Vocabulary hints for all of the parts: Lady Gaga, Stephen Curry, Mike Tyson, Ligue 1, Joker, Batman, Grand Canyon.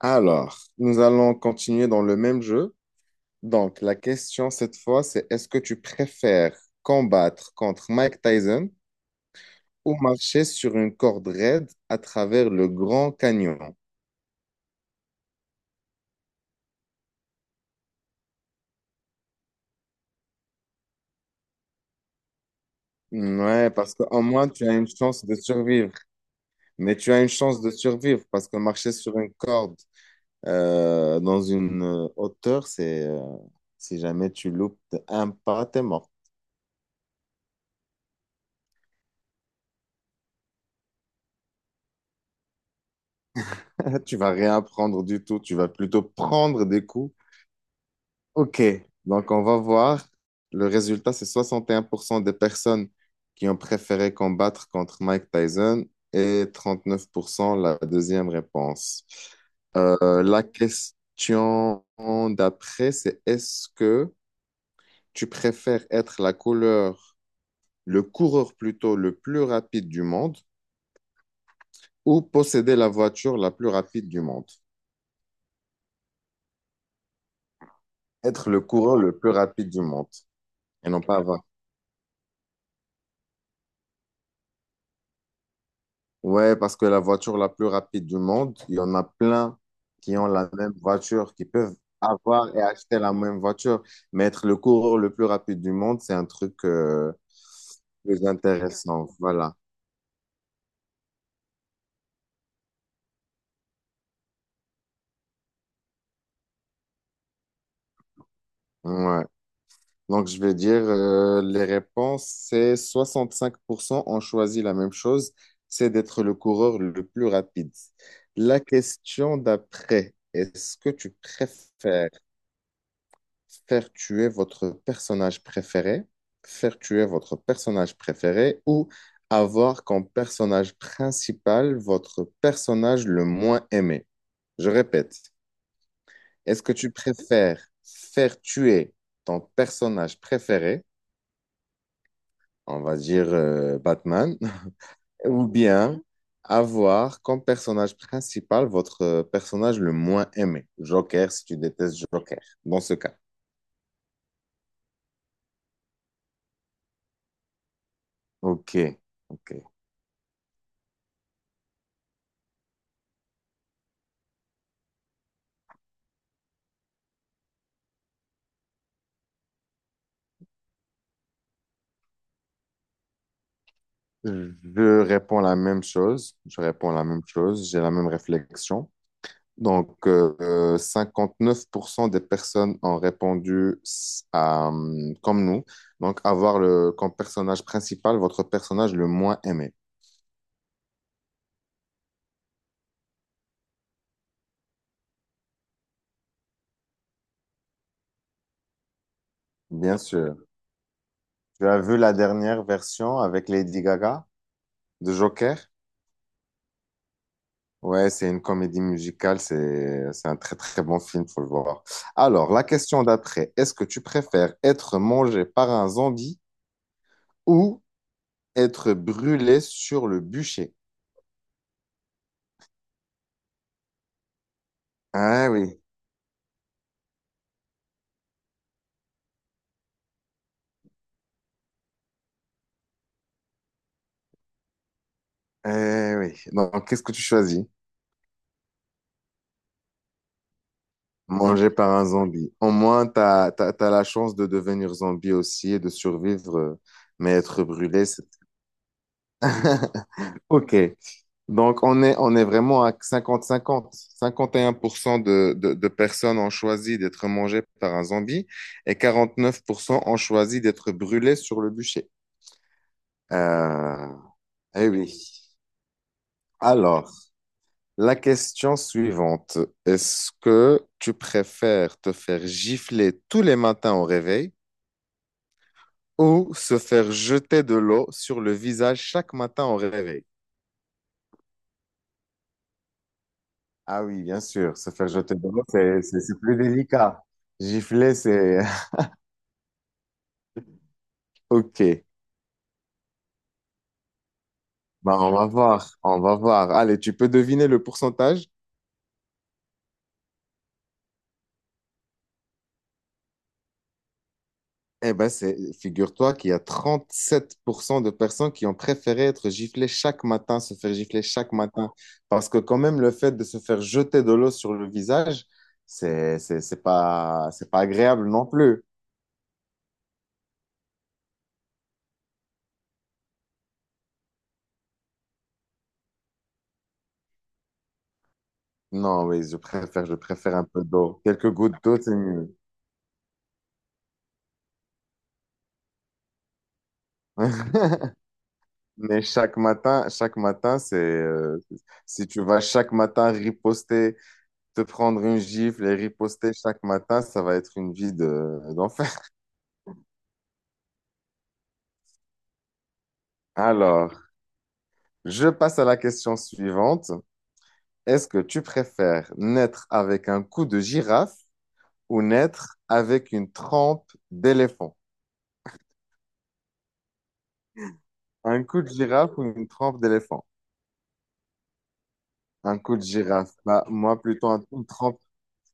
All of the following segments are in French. Alors, nous allons continuer dans le même jeu. Donc, la question cette fois, c'est est-ce que tu préfères combattre contre Mike Tyson ou marcher sur une corde raide à travers le Grand Canyon? Ouais, parce qu'au moins, tu as une chance de survivre. Mais tu as une chance de survivre parce que marcher sur une corde dans une hauteur, c'est si jamais tu loupes de un pas, t'es mort. Tu vas rien prendre du tout. Tu vas plutôt prendre des coups. OK, donc on va voir. Le résultat, c'est 61% des personnes qui ont préféré combattre contre Mike Tyson et 39% la deuxième réponse. La question d'après, c'est est-ce que tu préfères être la couleur, le coureur plutôt le plus rapide du monde ou posséder la voiture la plus rapide du monde? Être le coureur le plus rapide du monde et non pas avoir. Ouais, parce que la voiture la plus rapide du monde, il y en a plein qui ont la même voiture, qui peuvent avoir et acheter la même voiture. Mais être le coureur le plus rapide du monde, c'est un truc plus intéressant. Voilà. Ouais. Donc, je vais dire, les réponses, c'est 65% ont choisi la même chose, c'est d'être le coureur le plus rapide. La question d'après, est-ce que tu préfères faire tuer votre personnage préféré, faire tuer votre personnage préféré ou avoir comme personnage principal votre personnage le moins aimé. Je répète, est-ce que tu préfères faire tuer ton personnage préféré, on va dire Batman, ou bien avoir comme personnage principal votre personnage le moins aimé, Joker, si tu détestes Joker, dans ce cas. Ok, ok. Je réponds la même chose. Je réponds la même chose. J'ai la même réflexion. Donc, 59% des personnes ont répondu à, comme nous. Donc, avoir le, comme personnage principal votre personnage le moins aimé. Bien sûr. Tu as vu la dernière version avec Lady Gaga de Joker? Ouais, c'est une comédie musicale. C'est un très, très bon film. Faut le voir. Alors, la question d'après. Est-ce que tu préfères être mangé par un zombie ou être brûlé sur le bûcher. Ah oui, eh oui. Donc, qu'est-ce que tu choisis? Manger par un zombie. Au moins, tu as, la chance de devenir zombie aussi et de survivre, mais être brûlé, c'est... Ok. Donc, on est vraiment à 50-50. 51% de personnes ont choisi d'être mangées par un zombie et 49% ont choisi d'être brûlées sur le bûcher. Euh, eh oui. Alors, la question suivante, est-ce que tu préfères te faire gifler tous les matins au réveil ou se faire jeter de l'eau sur le visage chaque matin au réveil? Ah oui, bien sûr, se faire jeter de l'eau, c'est plus délicat. Gifler, c'est... Ok, bah, on va voir, on va voir. Allez, tu peux deviner le pourcentage? Eh ben, c'est, figure-toi qu'il y a 37% de personnes qui ont préféré être giflées chaque matin, se faire gifler chaque matin. Parce que quand même, le fait de se faire jeter de l'eau sur le visage, c'est pas agréable non plus. Non, oui, je préfère un peu d'eau. Quelques gouttes d'eau, c'est mieux. Mais chaque matin, si tu vas chaque matin riposter, te prendre une gifle et riposter chaque matin, ça va être une vie d'enfer. Alors, je passe à la question suivante. Est-ce que tu préfères naître avec un cou de girafe ou naître avec une trempe d'éléphant? Un cou de girafe ou une trempe d'éléphant? Un cou de girafe. Bah, moi, plutôt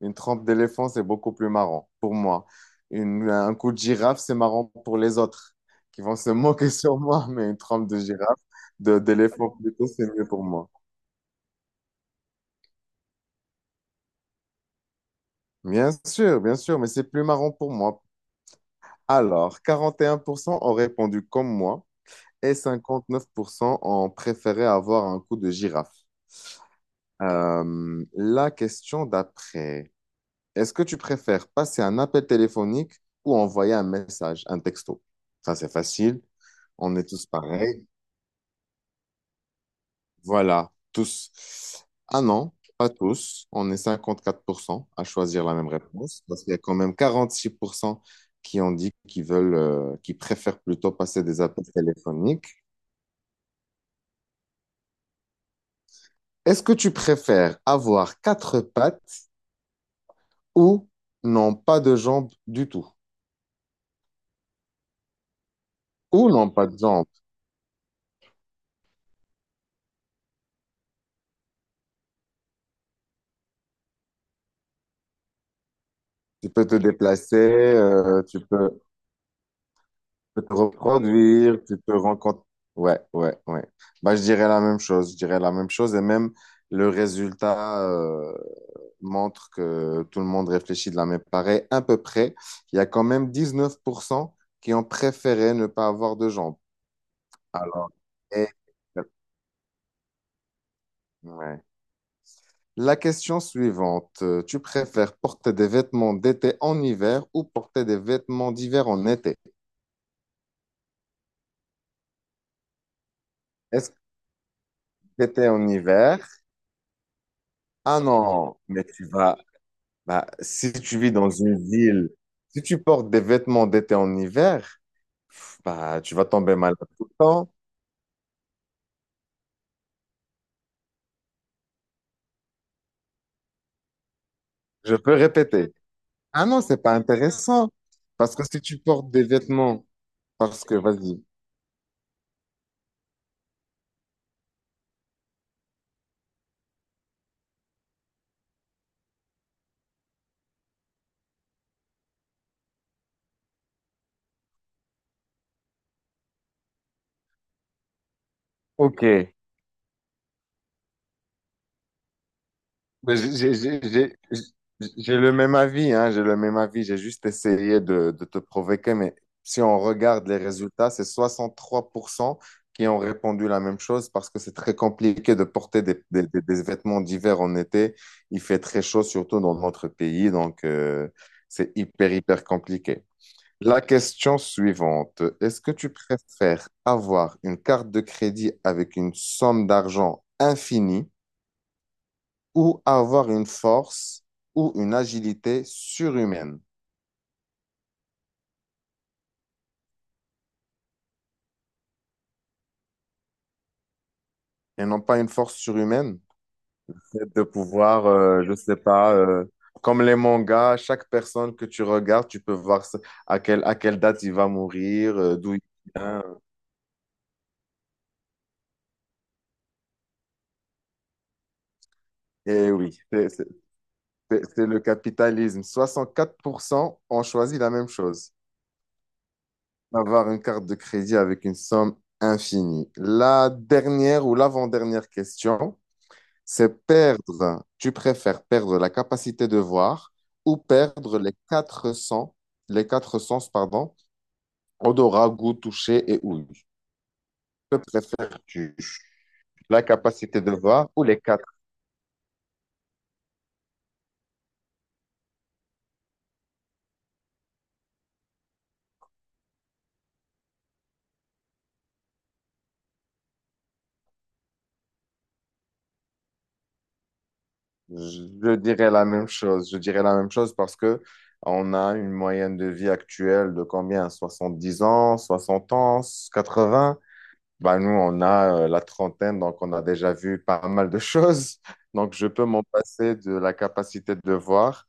une trempe d'éléphant, c'est beaucoup plus marrant pour moi. Un cou de girafe, c'est marrant pour les autres qui vont se moquer sur moi, mais une trempe de girafe, d'éléphant plutôt, c'est mieux pour moi. Bien sûr, mais c'est plus marrant pour moi. Alors, 41% ont répondu comme moi et 59% ont préféré avoir un coup de girafe. La question d'après, est-ce que tu préfères passer un appel téléphonique ou envoyer un message, un texto? Ça, c'est facile. On est tous pareils. Voilà, tous. Ah non, pas tous. On est 54% à choisir la même réponse parce qu'il y a quand même 46% qui ont dit qu'ils veulent, qu'ils préfèrent plutôt passer des appels téléphoniques. Est-ce que tu préfères avoir quatre pattes ou non pas de jambes du tout? Ou non pas de jambes. Tu peux te déplacer, tu peux te reproduire, tu peux rencontrer. Ouais, ouais, ouais. Bah, je dirais la même chose. Je dirais la même chose et même le résultat montre que tout le monde réfléchit de la même pareille à peu près. Il y a quand même 19% qui ont préféré ne pas avoir de jambes. Alors, et... ouais. La question suivante, tu préfères porter des vêtements d'été en hiver ou porter des vêtements d'hiver en été? Est-ce que t'étais en hiver? Ah non, mais tu vas, bah, si tu vis dans une ville, si tu portes des vêtements d'été en hiver, bah, tu vas tomber malade tout le temps. Je peux répéter. Ah non, c'est pas intéressant. Parce que si tu portes des vêtements, parce que, vas-y. Ok. Mais J'ai le même avis, hein, j'ai le même avis. J'ai juste essayé de te provoquer, mais si on regarde les résultats, c'est 63% qui ont répondu la même chose parce que c'est très compliqué de porter des vêtements d'hiver en été. Il fait très chaud, surtout dans notre pays, donc c'est hyper, hyper compliqué. La question suivante, est-ce que tu préfères avoir une carte de crédit avec une somme d'argent infinie? Ou avoir une force ou une agilité surhumaine. Et non pas une force surhumaine, c'est de pouvoir, je sais pas, comme les mangas, chaque personne que tu regardes, tu peux voir à quelle date il va mourir, d'où il vient. Et oui, c'est le capitalisme. 64% ont choisi la même chose. Avoir une carte de crédit avec une somme infinie. La dernière ou l'avant-dernière question. C'est perdre, tu préfères perdre la capacité de voir ou perdre les quatre sens, pardon, odorat, goût, toucher et ouïe. Que préfères-tu? La capacité de voir ou les quatre? Je dirais la même chose. Je dirais la même chose parce que on a une moyenne de vie actuelle de combien? 70 ans, 60 ans, 80. Ben nous, on a la trentaine, donc on a déjà vu pas mal de choses. Donc, je peux m'en passer de la capacité de voir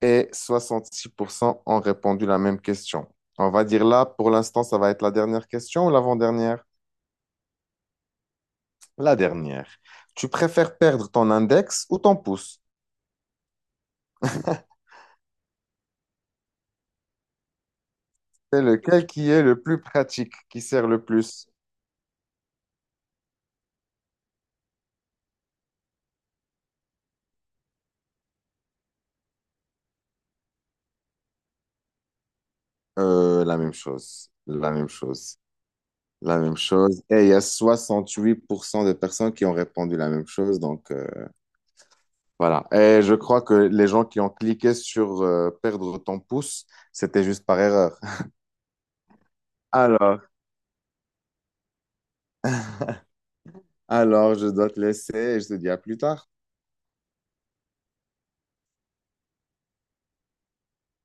et 66% ont répondu la même question. On va dire là, pour l'instant, ça va être la dernière question ou l'avant-dernière? La dernière. Tu préfères perdre ton index ou ton pouce? C'est lequel qui est le plus pratique, qui sert le plus? La même chose, la même chose, la même chose. Et il y a 68% de personnes qui ont répondu la même chose. Donc voilà. Et je crois que les gens qui ont cliqué sur perdre ton pouce, c'était juste par erreur. Alors, Alors, je dois te laisser et je te dis à plus tard.